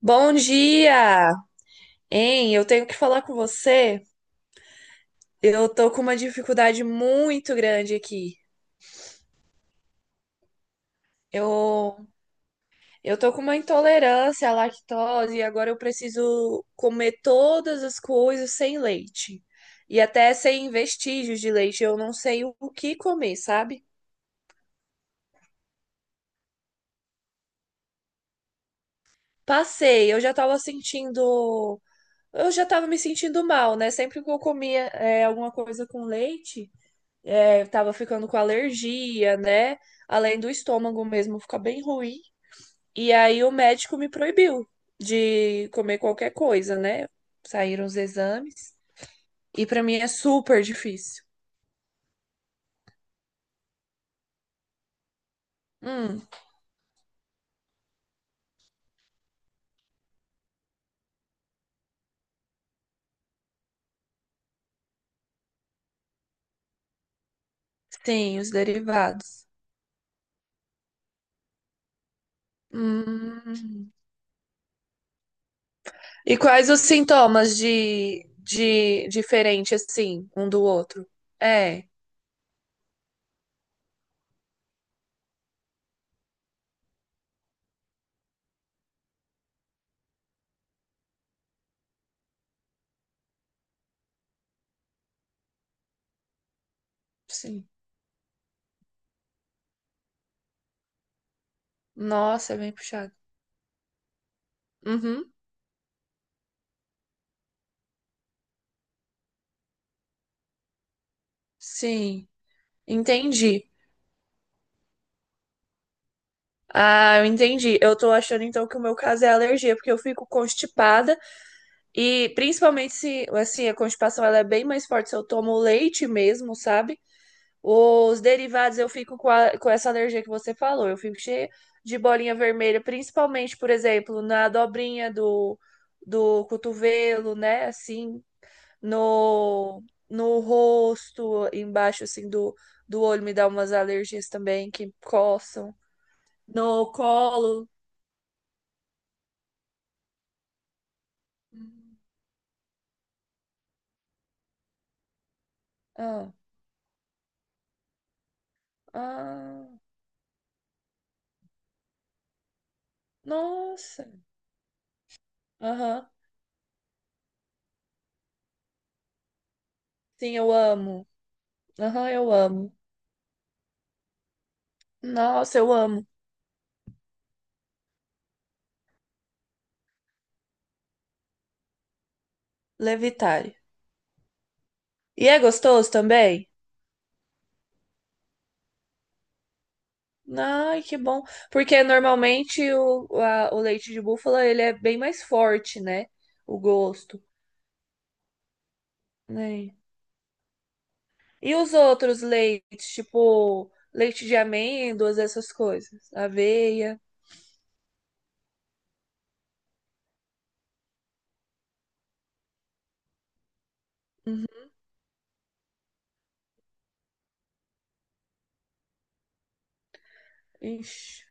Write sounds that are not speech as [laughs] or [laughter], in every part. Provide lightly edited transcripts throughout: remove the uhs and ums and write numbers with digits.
Bom dia! Hein, eu tenho que falar com você. Eu tô com uma dificuldade muito grande aqui. Eu, eu tô com uma intolerância à lactose e agora eu preciso comer todas as coisas sem leite. E até sem vestígios de leite. Eu não sei o que comer, sabe? Passei, eu já tava sentindo. Eu já tava me sentindo mal, né? Sempre que eu comia, alguma coisa com leite. É, eu tava ficando com alergia, né? Além do estômago mesmo ficar bem ruim. E aí o médico me proibiu de comer qualquer coisa, né? Saíram os exames. E pra mim é super difícil. Hum, sim, os derivados. Hum. E quais os sintomas de diferente, assim, um do outro? É, sim. Nossa, é bem puxado. Uhum, sim, entendi. Ah, eu entendi. Eu tô achando então que o meu caso é alergia, porque eu fico constipada e principalmente se, assim, a constipação ela é bem mais forte se eu tomo leite mesmo, sabe? Os derivados eu fico com, a- com essa alergia que você falou. Eu fico cheia de bolinha vermelha, principalmente, por exemplo, na dobrinha do cotovelo, né? Assim, no, no rosto, embaixo, assim, do olho me dá umas alergias também que coçam. No colo. Ah, ah, nossa. Aham. Sim, eu amo. Aham, eu amo. Nossa, eu amo. Levitari. E é gostoso também? Ai, que bom. Porque normalmente a- o leite de búfala ele é bem mais forte, né? O gosto. Né? E os outros leites, tipo leite de amêndoas, essas coisas? Aveia. Uhum. Ixi.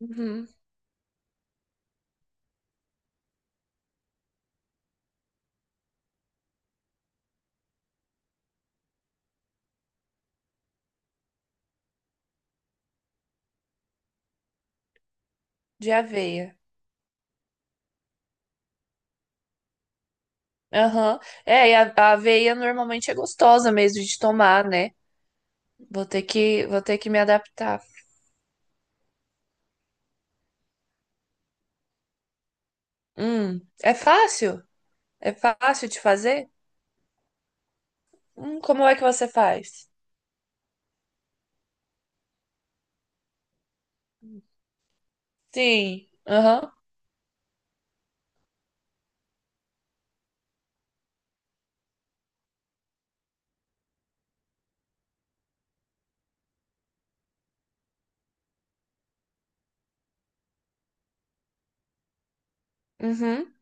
Uhum. De aveia. Aham. É, e a aveia normalmente é gostosa mesmo de tomar, né? Vou ter que me adaptar. É fácil? É fácil de fazer? Como é que você faz? Sim. Aham. Uhum.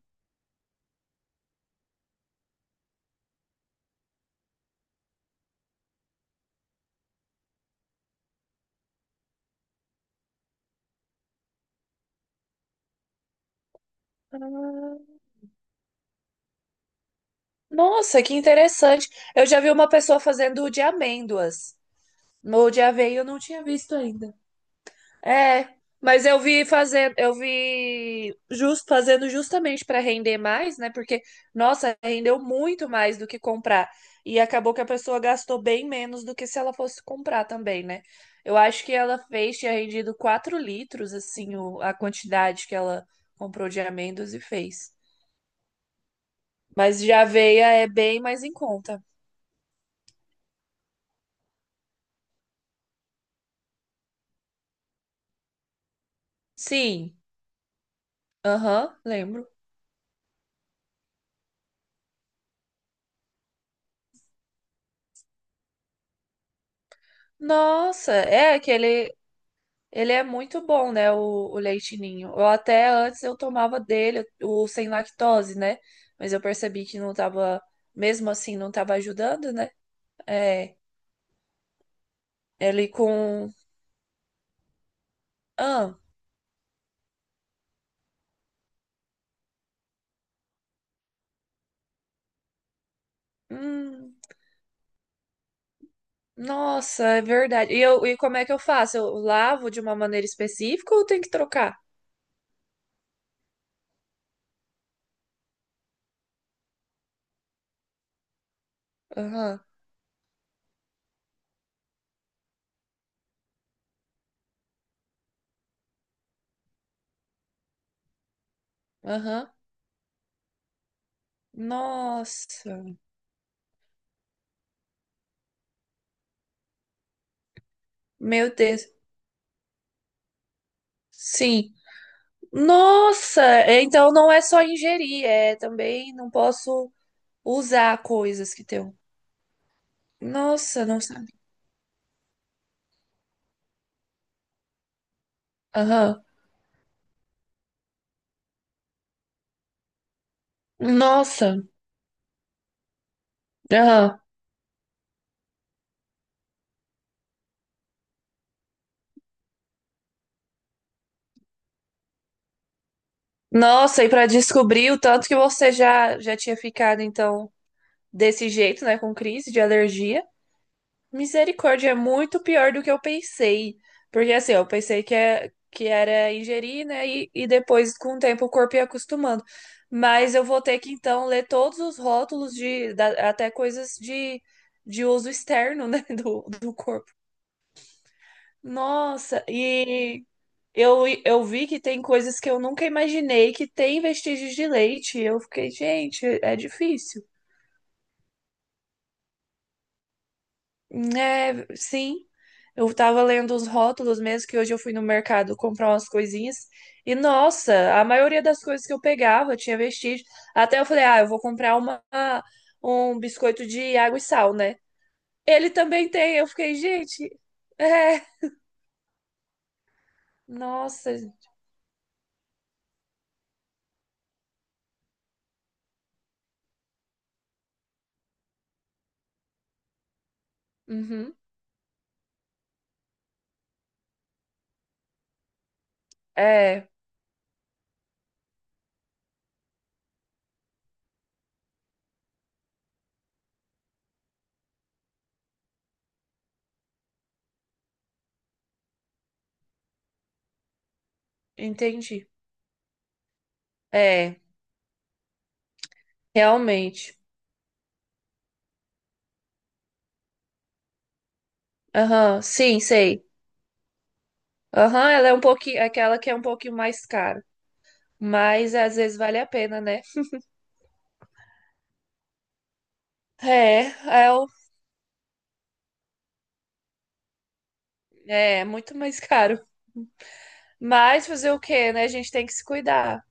Ah, nossa, que interessante. Eu já vi uma pessoa fazendo o de amêndoas. O de aveia eu não tinha visto ainda. É, mas eu vi fazendo, fazendo justamente para render mais, né? Porque, nossa, rendeu muito mais do que comprar. E acabou que a pessoa gastou bem menos do que se ela fosse comprar também, né? Eu acho que ela fez, tinha rendido 4 litros, assim, o- a quantidade que ela comprou de amêndoas e fez. Mas de aveia é bem mais em conta. Sim, aham, lembro. Nossa, é aquele. Ele é muito bom, né, o leite ninho. Eu até antes eu tomava dele, o sem lactose, né? Mas eu percebi que não tava, mesmo assim, não tava ajudando, né? É, ele com... Ah, hum, nossa, é verdade. E como é que eu faço? Eu lavo de uma maneira específica ou tem que trocar? Aham, aham. Nossa, meu Deus. Sim. Nossa, é, então não é só ingerir, é também não posso usar coisas que tem. Nossa, não sabe. Aham. Nossa. Aham. Nossa, e para descobrir o tanto que você já tinha ficado então desse jeito, né, com crise de alergia. Misericórdia, é muito pior do que eu pensei. Porque assim, eu pensei que era ingerir, né, e depois com o tempo o corpo ia acostumando. Mas eu vou ter que então ler todos os rótulos de até coisas de uso externo, né, [laughs] do corpo. Nossa, e eu vi que tem coisas que eu nunca imaginei que tem vestígios de leite. Eu fiquei, gente, é difícil. É, sim. Eu tava lendo os rótulos mesmo, que hoje eu fui no mercado comprar umas coisinhas. E, nossa, a maioria das coisas que eu pegava tinha vestígio. Até eu falei, ah, eu vou comprar uma, um biscoito de água e sal, né? Ele também tem. Eu fiquei, gente, é, nossa. Uhum. É, entendi. É, realmente. Aham, sim, sei. Aham, ela é um pouquinho, aquela que é um pouquinho mais cara. Mas às vezes vale a pena, né? É, é, é muito mais [laughs] caro. Mas fazer o quê, né? A gente tem que se cuidar.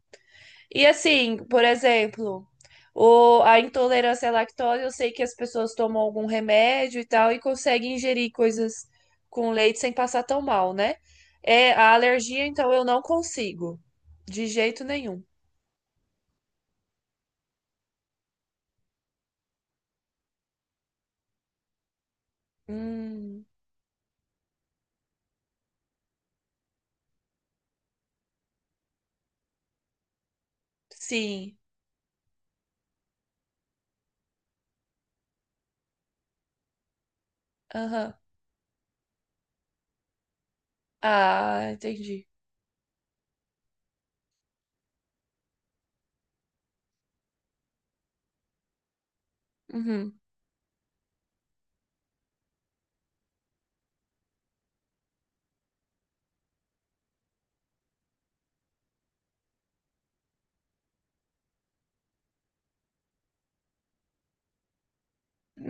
E assim, por exemplo, a intolerância à lactose, eu sei que as pessoas tomam algum remédio e tal e conseguem ingerir coisas com leite sem passar tão mal, né? É, a alergia, então, eu não consigo. De jeito nenhum. Hum, sim. Aham. Ah, entendi. Uhum.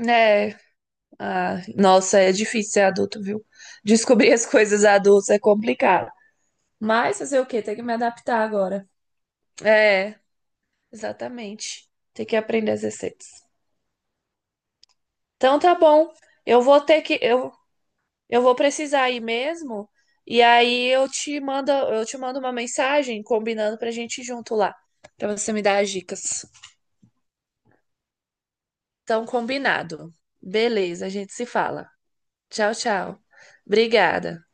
É, ah, nossa, é difícil ser adulto, viu? Descobrir as coisas adultas é complicado. Mas fazer o quê? Tem que me adaptar agora. É, exatamente. Tem que aprender as receitas. Então tá bom. Eu vou ter que eu vou precisar ir mesmo. E aí eu te mando uma mensagem combinando pra gente ir junto lá, pra você me dar as dicas. Então combinado. Beleza, a gente se fala. Tchau, tchau. Obrigada.